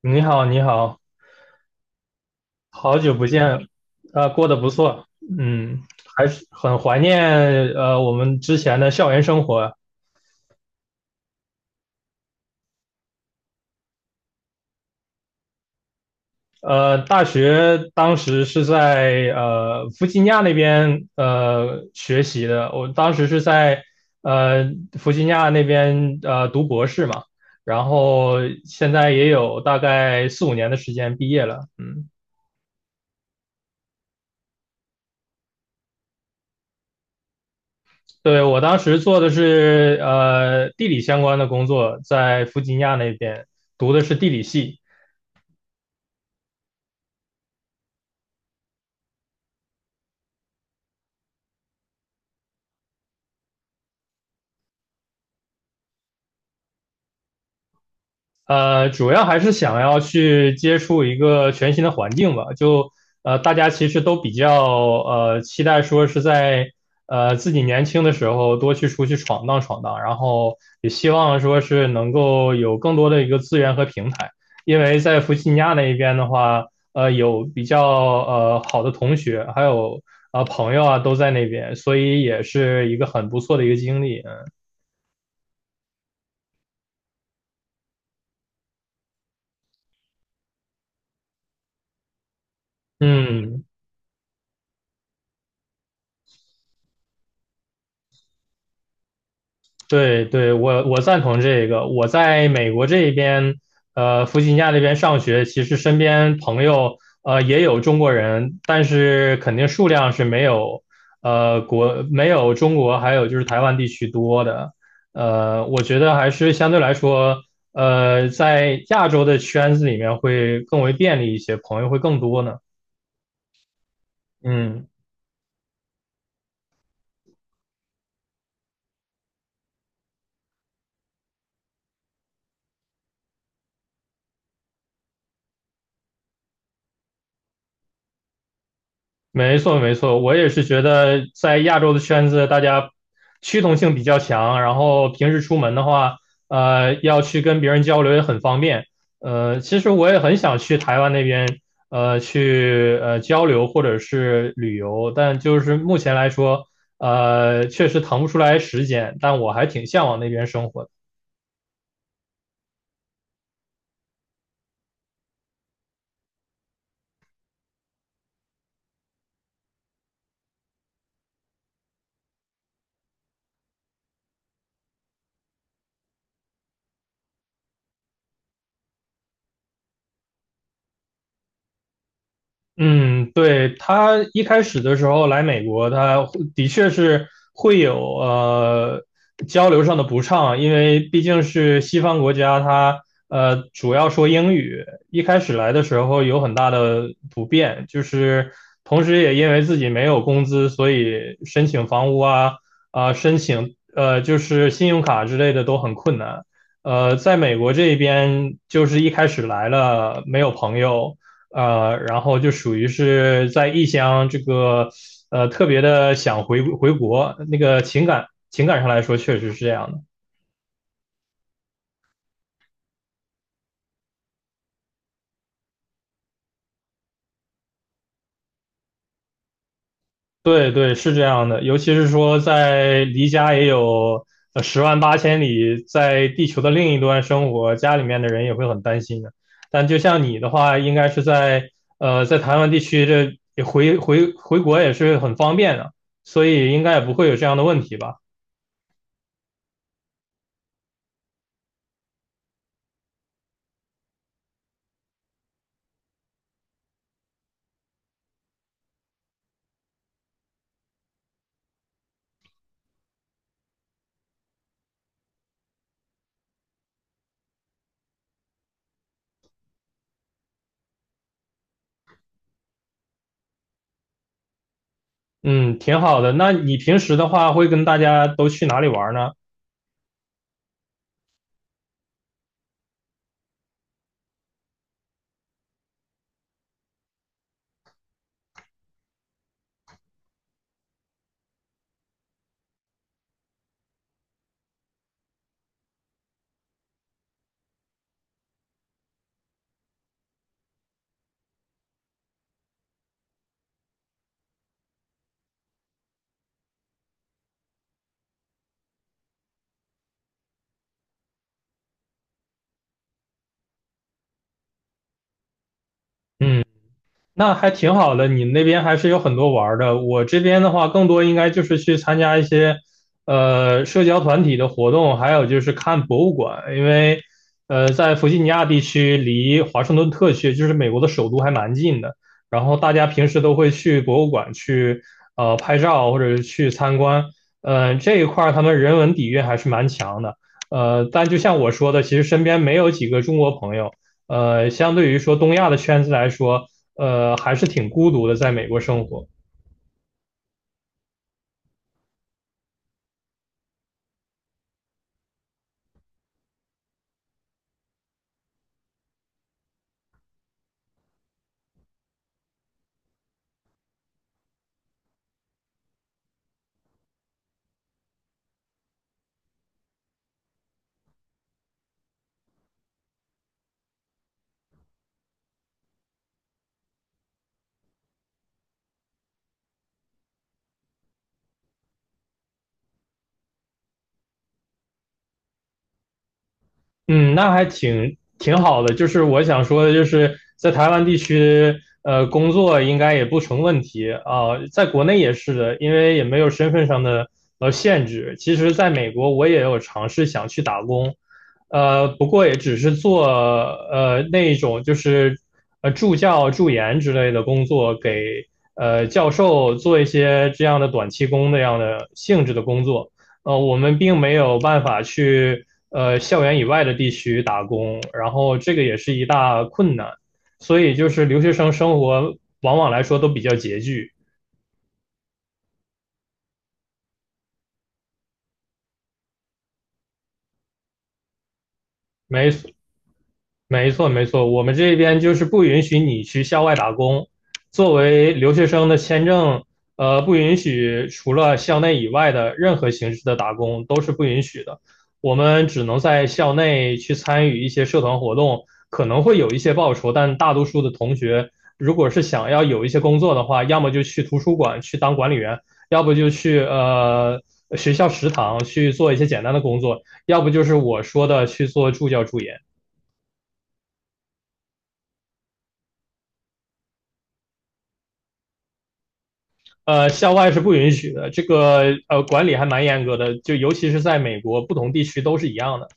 你好，你好。好久不见。过得不错。嗯，还是很怀念我们之前的校园生活。大学当时是在弗吉尼亚那边学习的，我当时是在呃弗吉尼亚那边读博士嘛。然后现在也有大概四五年的时间毕业了，嗯。对，我当时做的是地理相关的工作，在弗吉尼亚那边读的是地理系。主要还是想要去接触一个全新的环境吧。大家其实都比较期待说是在自己年轻的时候多去出去闯荡闯荡，然后也希望说是能够有更多的一个资源和平台。因为在弗吉尼亚那一边的话，有比较好的同学，还有朋友啊，都在那边，所以也是一个很不错的一个经历。嗯，嗯。对对，我赞同这个。我在美国这边，弗吉尼亚这边上学，其实身边朋友也有中国人，但是肯定数量是没有没有中国还有就是台湾地区多的。我觉得还是相对来说，在亚洲的圈子里面会更为便利一些，朋友会更多呢。嗯。没错，没错，我也是觉得在亚洲的圈子，大家趋同性比较强，然后平时出门的话，要去跟别人交流也很方便。其实我也很想去台湾那边，去交流或者是旅游，但就是目前来说，确实腾不出来时间，但我还挺向往那边生活的。嗯，对，他一开始的时候来美国，他的确是会有交流上的不畅，因为毕竟是西方国家，他主要说英语。一开始来的时候有很大的不便，就是同时也因为自己没有工资，所以申请房屋啊啊、申请就是信用卡之类的都很困难。在美国这边，就是一开始来了没有朋友。然后就属于是在异乡这个特别的想回国，那个情感上来说确实是这样的。对对，是这样的，尤其是说在离家也有十万八千里，在地球的另一端生活，家里面的人也会很担心的。但就像你的话，应该是在在台湾地区，这也回国也是很方便的，所以应该也不会有这样的问题吧。嗯，挺好的。那你平时的话，会跟大家都去哪里玩呢？嗯。那还挺好的，你那边还是有很多玩的。我这边的话，更多应该就是去参加一些社交团体的活动，还有就是看博物馆。因为在弗吉尼亚地区，离华盛顿特区，就是美国的首都，还蛮近的。然后大家平时都会去博物馆去，拍照或者是去参观。这一块他们人文底蕴还是蛮强的。但就像我说的，其实身边没有几个中国朋友。相对于说东亚的圈子来说，还是挺孤独的，在美国生活。嗯，那还挺好的。就是我想说的，就是在台湾地区，工作应该也不成问题啊，在国内也是的，因为也没有身份上的限制。其实，在美国我也有尝试想去打工，不过也只是做那一种就是助教、助研之类的工作，给教授做一些这样的短期工那样的性质的工作。我们并没有办法去校园以外的地区打工，然后这个也是一大困难，所以就是留学生生活往往来说都比较拮据。没没错，没错，我们这边就是不允许你去校外打工。作为留学生的签证，不允许除了校内以外的任何形式的打工都是不允许的。我们只能在校内去参与一些社团活动，可能会有一些报酬，但大多数的同学如果是想要有一些工作的话，要么就去图书馆去当管理员，要不就去学校食堂去做一些简单的工作，要不就是我说的去做助教助研。校外是不允许的，这个管理还蛮严格的，就尤其是在美国，不同地区都是一样的。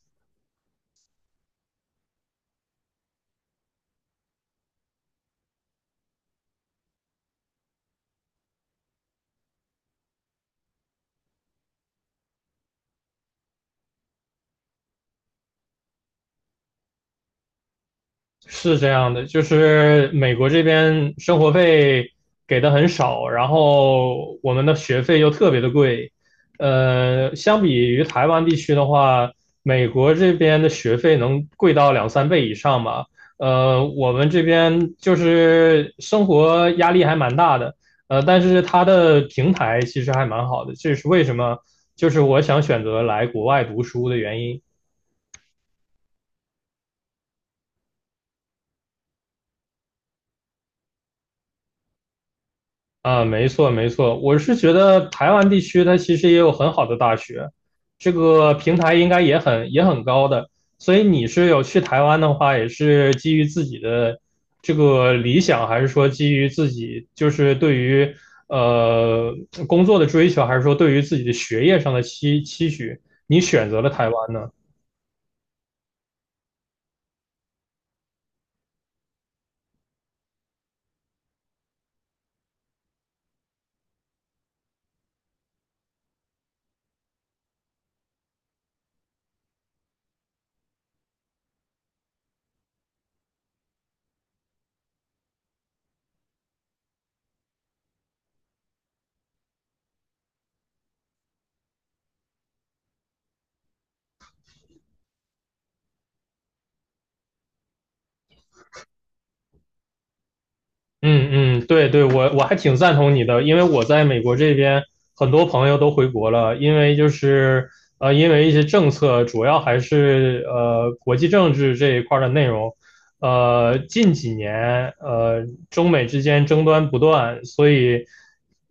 是这样的，就是美国这边生活费给的很少，然后我们的学费又特别的贵。相比于台湾地区的话，美国这边的学费能贵到两三倍以上吧。我们这边就是生活压力还蛮大的，但是它的平台其实还蛮好的，这是为什么？就是我想选择来国外读书的原因。啊，没错没错，我是觉得台湾地区它其实也有很好的大学，这个平台应该也很也很高的，所以你是有去台湾的话，也是基于自己的这个理想，还是说基于自己就是对于呃工作的追求，还是说对于自己的学业上的期许，你选择了台湾呢？嗯嗯，对对，我还挺赞同你的，因为我在美国这边很多朋友都回国了，因为就是因为一些政策，主要还是国际政治这一块儿的内容。近几年中美之间争端不断，所以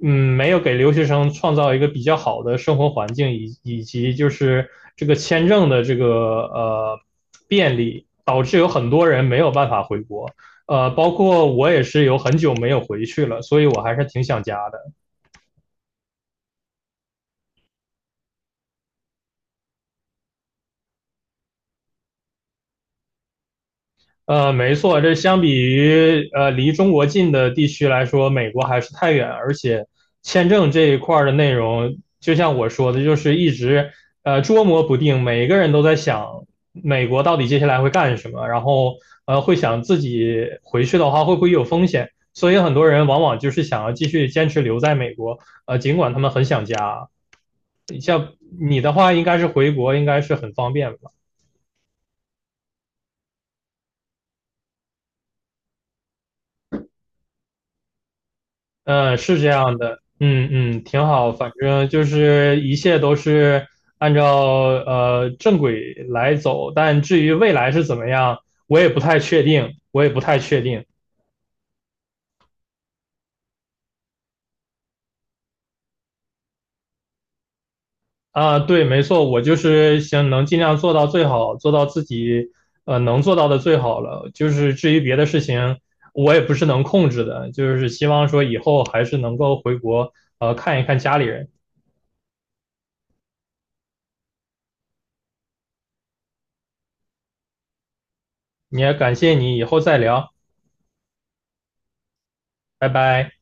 嗯，没有给留学生创造一个比较好的生活环境，以及就是这个签证的这个呃便利，导致有很多人没有办法回国。包括我也是有很久没有回去了，所以我还是挺想家的。没错，这相比于离中国近的地区来说，美国还是太远，而且签证这一块的内容，就像我说的，就是一直捉摸不定，每个人都在想美国到底接下来会干什么，然后会想自己回去的话会不会有风险，所以很多人往往就是想要继续坚持留在美国，尽管他们很想家。像你的话，应该是回国，应该是很方便吧？嗯，是这样的，嗯嗯，挺好，反正就是一切都是按照正轨来走，但至于未来是怎么样，我也不太确定，我也不太确定啊。对，没错，我就是想能尽量做到最好，做到自己能做到的最好了。就是至于别的事情，我也不是能控制的，就是希望说以后还是能够回国看一看家里人。也感谢你，以后再聊，拜拜。